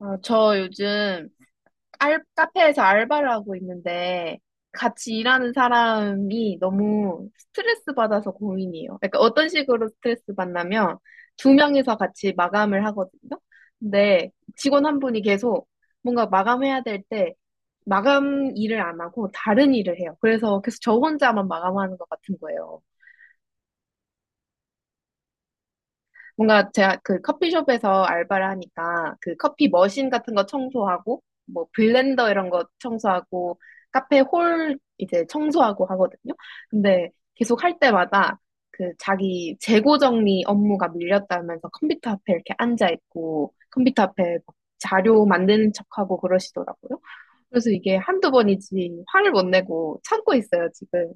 아, 저 요즘 카페에서 알바를 하고 있는데 같이 일하는 사람이 너무 스트레스 받아서 고민이에요. 그러니까 어떤 식으로 스트레스 받냐면 두 명이서 같이 마감을 하거든요. 근데 직원 한 분이 계속 뭔가 마감해야 될 때 마감 일을 안 하고 다른 일을 해요. 그래서 계속 저 혼자만 마감하는 것 같은 거예요. 뭔가 제가 그 커피숍에서 알바를 하니까 그 커피 머신 같은 거 청소하고 뭐 블렌더 이런 거 청소하고 카페 홀 이제 청소하고 하거든요. 근데 계속 할 때마다 그 자기 재고 정리 업무가 밀렸다면서 컴퓨터 앞에 이렇게 앉아 있고 컴퓨터 앞에 막 자료 만드는 척하고 그러시더라고요. 그래서 이게 한두 번이지 화를 못 내고 참고 있어요, 지금.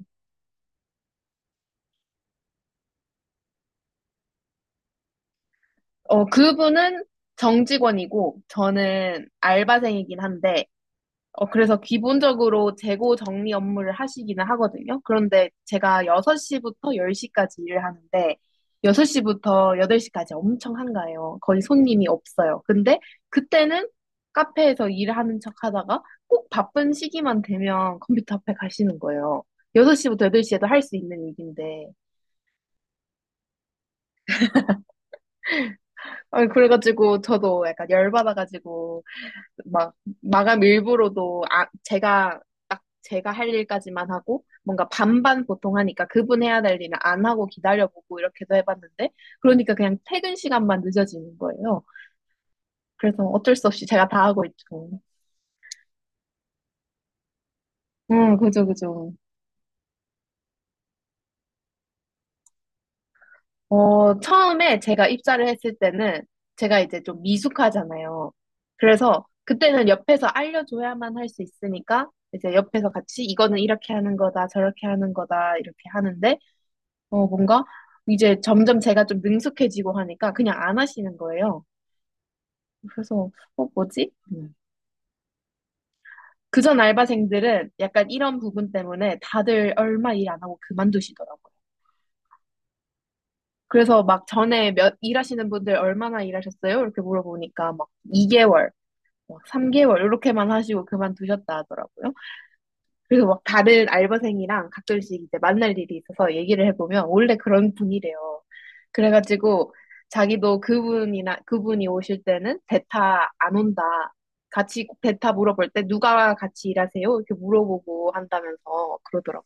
어, 그분은 정직원이고 저는 알바생이긴 한데 어, 그래서 기본적으로 재고 정리 업무를 하시기는 하거든요. 그런데 제가 6시부터 10시까지 일을 하는데, 6시부터 8시까지 엄청 한가해요. 거의 손님이 없어요. 근데 그때는 카페에서 일하는 척 하다가 꼭 바쁜 시기만 되면 컴퓨터 앞에 가시는 거예요. 6시부터 8시에도 할 수 있는 일인데. 아, 그래가지고 저도 약간 열받아가지고 막 마감 일부로도 아 제가 딱 제가 할 일까지만 하고 뭔가 반반 보통 하니까 그분 해야 될 일은 안 하고 기다려보고 이렇게도 해봤는데 그러니까 그냥 퇴근 시간만 늦어지는 거예요. 그래서 어쩔 수 없이 제가 다 하고 있죠. 그죠, 그죠. 어, 처음에 제가 입사를 했을 때는 제가 이제 좀 미숙하잖아요. 그래서 그때는 옆에서 알려줘야만 할 수 있으니까 이제 옆에서 같이 이거는 이렇게 하는 거다, 저렇게 하는 거다, 이렇게 하는데 어, 뭔가 이제 점점 제가 좀 능숙해지고 하니까 그냥 안 하시는 거예요. 그래서, 어, 뭐지? 음. 그전 알바생들은 약간 이런 부분 때문에 다들 얼마 일 안 하고 그만두시더라고요. 그래서 막 전에 몇 일하시는 분들 얼마나 일하셨어요? 이렇게 물어보니까 막 2개월, 막 3개월 이렇게만 하시고 그만두셨다 하더라고요. 그래서 막 다른 알바생이랑 가끔씩 이제 만날 일이 있어서 얘기를 해보면 원래 그런 분이래요. 그래가지고 자기도 그분이나 그분이 오실 때는 대타 안 온다. 같이 대타 물어볼 때 누가 같이 일하세요? 이렇게 물어보고 한다면서 그러더라고.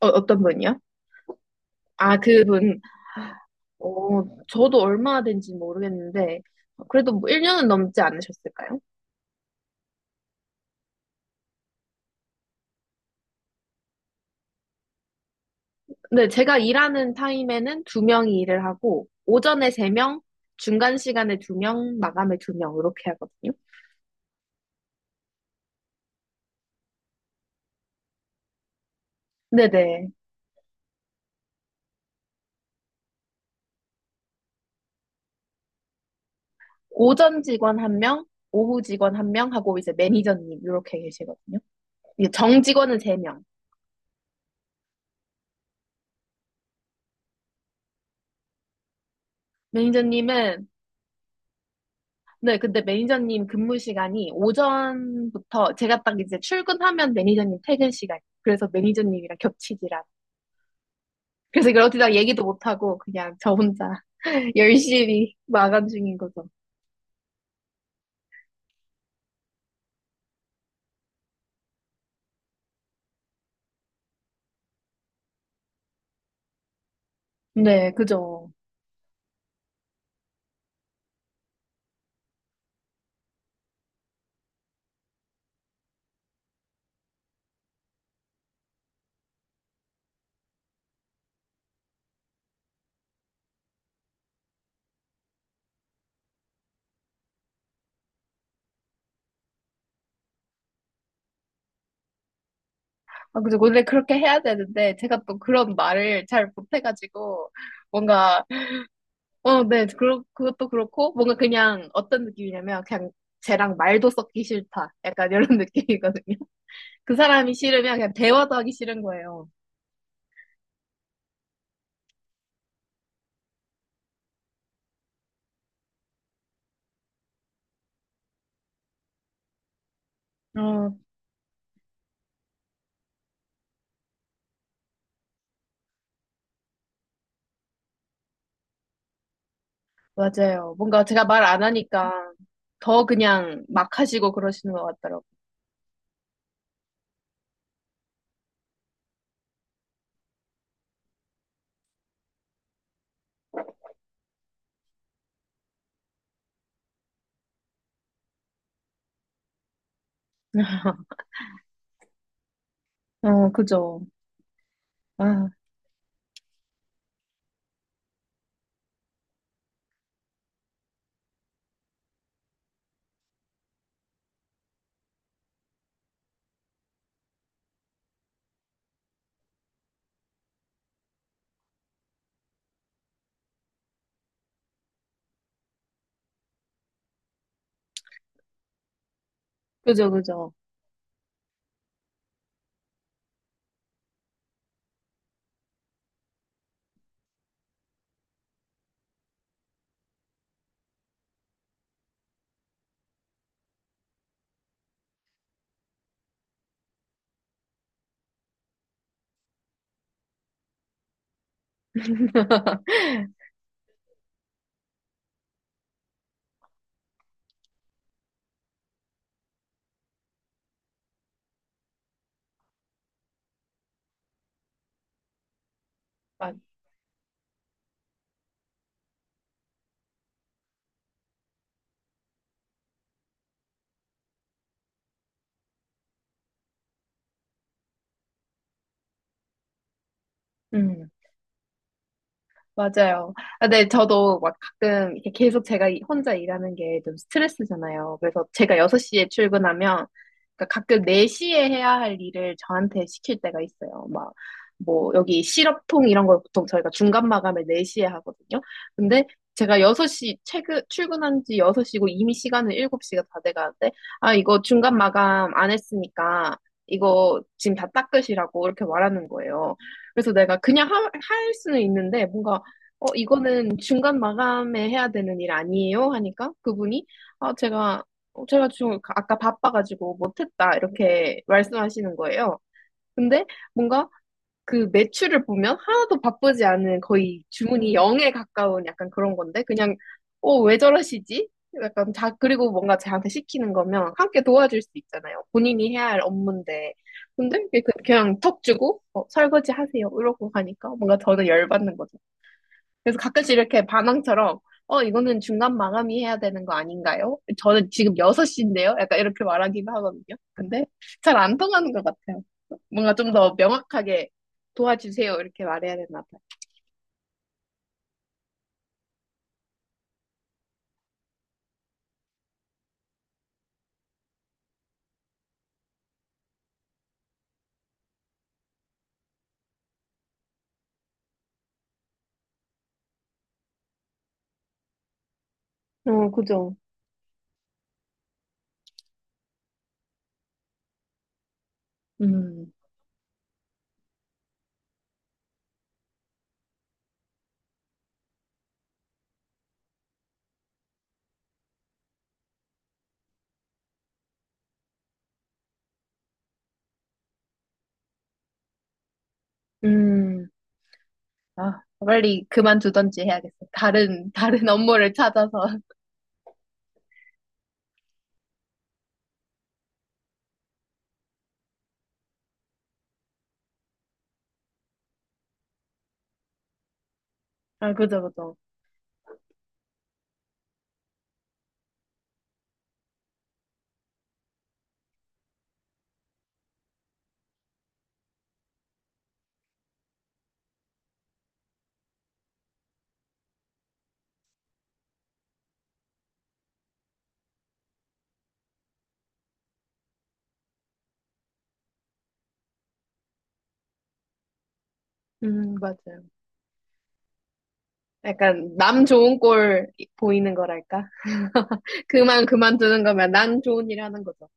어, 어떤 분이요? 아, 그분. 어, 저도 얼마나 된지 모르겠는데 그래도 뭐 1년은 넘지 않으셨을까요? 네, 제가 일하는 타임에는 두 명이 일을 하고, 오전에 세 명, 중간 시간에 두 명, 마감에 두 명, 이렇게 하거든요. 네네. 오전 직원 한 명, 오후 직원 한 명 하고, 이제 매니저님, 이렇게 계시거든요. 이제 정 직원은 세 명. 매니저님은, 네, 근데 매니저님 근무 시간이 오전부터, 제가 딱 이제 출근하면 매니저님 퇴근 시간. 그래서 매니저님이랑 겹치지라. 그래서 그렇게 다 얘기도 못하고, 그냥 저 혼자 열심히 마감 중인 거죠. 네, 그죠. 아, 그죠. 원래 그렇게 해야 되는데, 제가 또 그런 말을 잘 못해가지고, 뭔가, 어, 네, 그것도 그렇고, 뭔가 그냥 어떤 느낌이냐면, 그냥 쟤랑 말도 섞기 싫다. 약간 이런 느낌이거든요. 그 사람이 싫으면 그냥 대화도 하기 싫은 거예요. 어, 맞아요. 뭔가 제가 말 안 하니까 더 그냥 막 하시고 그러시는 것 같더라고요. 어, 그죠. 아, 그죠, 그죠. 맞, 음. 맞아요. 아, 네, 저도 막 가끔 이렇게 계속 제가 혼자 일하는 게 좀 스트레스잖아요. 그래서 제가 6시에 출근하면 그러니까 가끔 4시에 해야 할 일을 저한테 시킬 때가 있어요. 막, 뭐, 여기 시럽통 이런 걸 보통 저희가 중간 마감을 4시에 하거든요. 근데 제가 6시, 퇴근, 출근한 지 6시고 이미 시간은 7시가 다 돼가는데, 아, 이거 중간 마감 안 했으니까 이거 지금 다 닦으시라고 이렇게 말하는 거예요. 그래서 내가 그냥 할 수는 있는데, 뭔가 어, 이거는 중간 마감에 해야 되는 일 아니에요? 하니까 그분이, 아, 제가, 어, 제가 지금 아까 바빠가지고 못했다. 이렇게 말씀하시는 거예요. 근데 뭔가 그 매출을 보면 하나도 바쁘지 않은 거의 주문이 0에 가까운 약간 그런 건데, 그냥, 어, 왜 저러시지? 약간 자, 그리고 뭔가 저한테 시키는 거면 함께 도와줄 수 있잖아요. 본인이 해야 할 업무인데. 근데 이렇게 그냥 턱 주고, 어, 설거지 하세요. 이러고 가니까 뭔가 저는 열받는 거죠. 그래서 가끔씩 이렇게 반항처럼, 어, 이거는 중간 마감이 해야 되는 거 아닌가요? 저는 지금 6시인데요? 약간 이렇게 말하기도 하거든요. 근데 잘 안 통하는 것 같아요. 뭔가 좀 더 명확하게 도와주세요. 이렇게 말해야 되나 봐요. 어, 그죠. 음, 음, 아, 빨리 그만두던지 해야겠어. 다른 업무를 찾아서. 아, 그죠, 그죠. 맞아요. 약간 남 좋은 꼴 보이는 거랄까? 그만두는 거면 난 좋은 일 하는 거죠.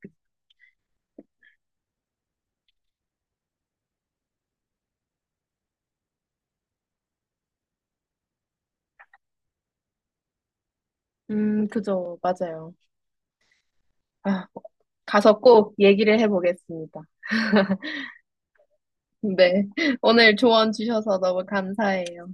그죠. 맞아요. 아, 가서 꼭 얘기를 해보겠습니다. 네. 오늘 조언 주셔서 너무 감사해요.